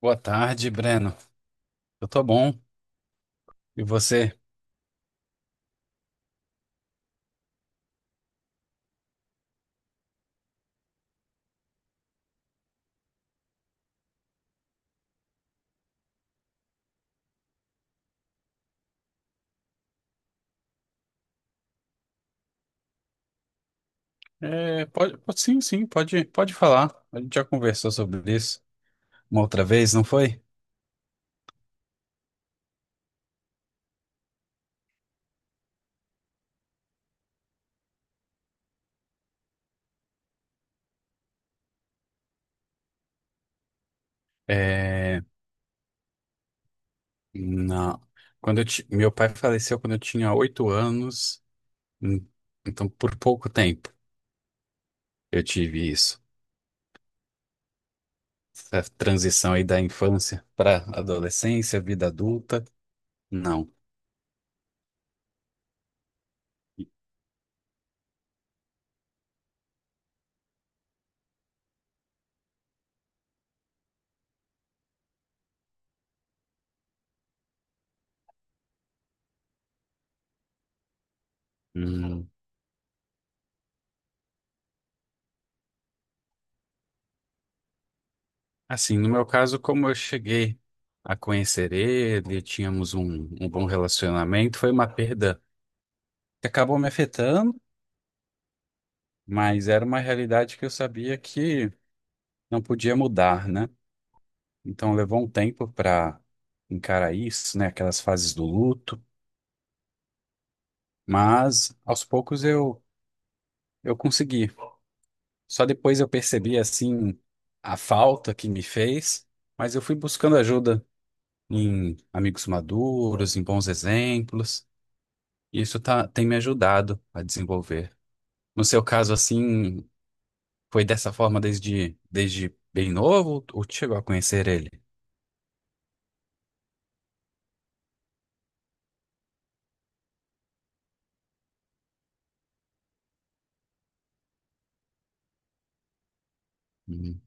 Boa tarde, Breno. Eu tô bom. E você? É, sim, sim, pode falar. A gente já conversou sobre isso uma outra vez, não foi? É, não. Meu pai faleceu quando eu tinha 8 anos, hum, então por pouco tempo eu tive isso. Essa transição aí da infância para adolescência, vida adulta, não. Hum. Assim, no meu caso, como eu cheguei a conhecer ele, tínhamos um bom relacionamento, foi uma perda que acabou me afetando, mas era uma realidade que eu sabia que não podia mudar, né? Então levou um tempo para encarar isso, né? Aquelas fases do luto, mas aos poucos eu consegui. Só depois eu percebi, assim, a falta que me fez, mas eu fui buscando ajuda em amigos maduros, em bons exemplos. E isso tem me ajudado a desenvolver. No seu caso, assim, foi dessa forma desde bem novo, ou tu chegou a conhecer ele? Hum,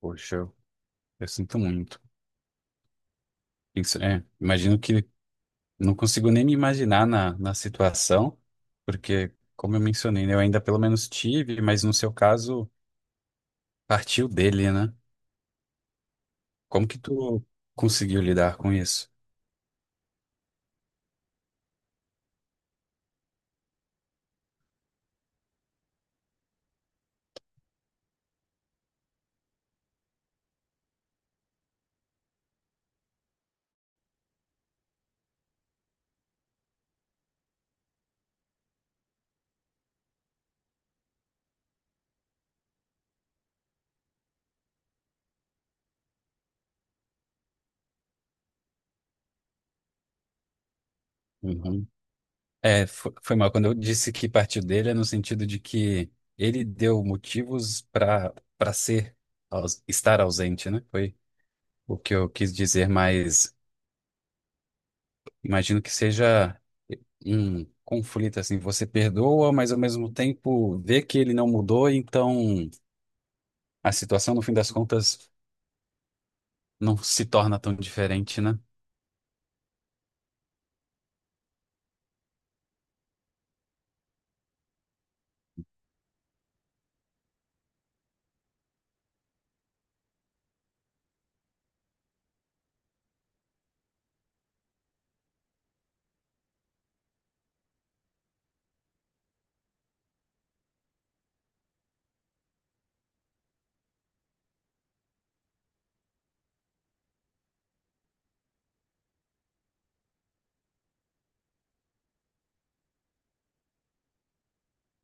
Poxa, eu sinto muito. Isso, imagino que não consigo nem me imaginar na situação, porque, como eu mencionei, né, eu ainda pelo menos tive, mas no seu caso, partiu dele, né? Como que tu conseguiu lidar com isso? É, foi, mal. Quando eu disse que partiu dele, é no sentido de que ele deu motivos para ser, estar ausente, né? Foi o que eu quis dizer, mas imagino que seja um conflito assim. Você perdoa, mas ao mesmo tempo vê que ele não mudou, então a situação, no fim das contas, não se torna tão diferente, né?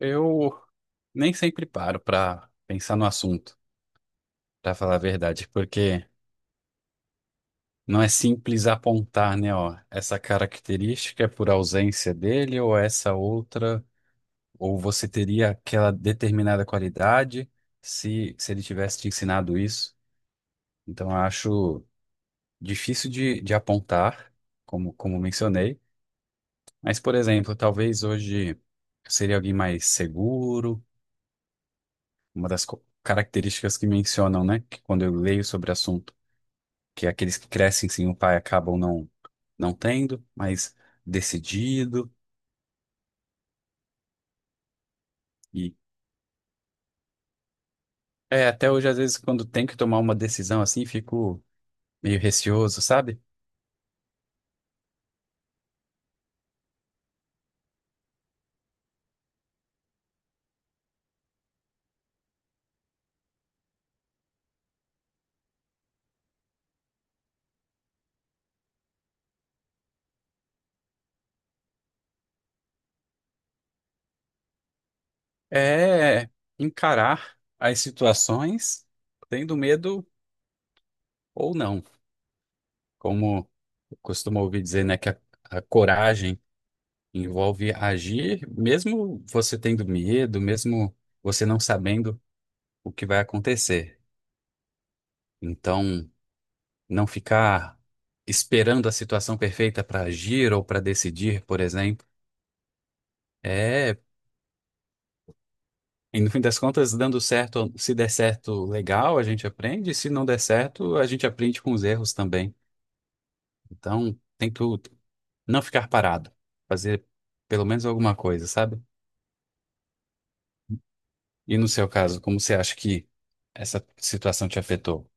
Eu nem sempre paro para pensar no assunto, para falar a verdade, porque. Não é simples apontar, né, ó, essa característica é por ausência dele ou essa outra, ou você teria aquela determinada qualidade se ele tivesse te ensinado isso. Então, eu acho difícil de apontar, como mencionei. Mas, por exemplo, talvez hoje seria alguém mais seguro, uma das características que mencionam, né, que quando eu leio sobre o assunto, que é aqueles que crescem sem o pai acabam não tendo, mas decidido. E até hoje, às vezes, quando tem que tomar uma decisão assim, fico meio receoso, sabe? É encarar as situações tendo medo ou não. Como eu costumo ouvir dizer, né, que a coragem envolve agir, mesmo você tendo medo, mesmo você não sabendo o que vai acontecer. Então, não ficar esperando a situação perfeita para agir ou para decidir, por exemplo. É E no fim das contas, dando certo, se der certo, legal, a gente aprende. Se não der certo, a gente aprende com os erros também. Então, tem que não ficar parado, fazer pelo menos alguma coisa, sabe? E no seu caso, como você acha que essa situação te afetou?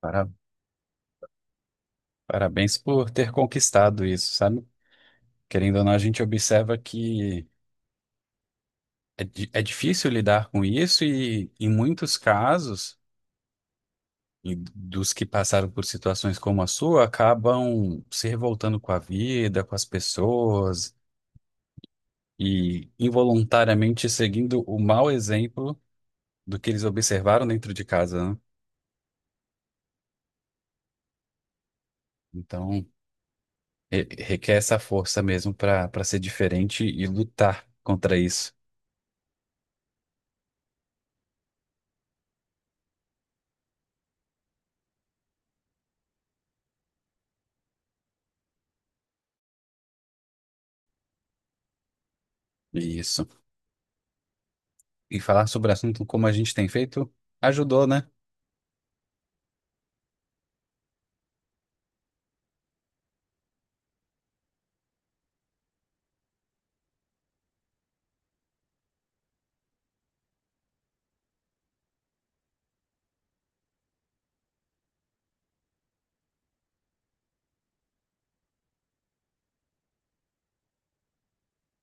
Para- Parabéns por ter conquistado isso, sabe? Querendo ou não, a gente observa que é difícil lidar com isso e, em muitos casos. E dos que passaram por situações como a sua acabam se revoltando com a vida, com as pessoas e involuntariamente seguindo o mau exemplo do que eles observaram dentro de casa, né? Então, requer essa força mesmo para ser diferente e lutar contra isso. Isso. E falar sobre o assunto como a gente tem feito ajudou, né?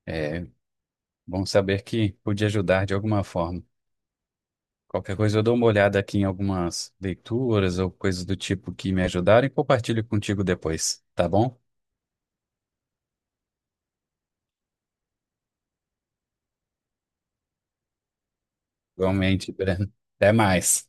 É bom saber que pude ajudar de alguma forma. Qualquer coisa, eu dou uma olhada aqui em algumas leituras ou coisas do tipo que me ajudaram e compartilho contigo depois, tá bom? Igualmente, Breno. Até mais.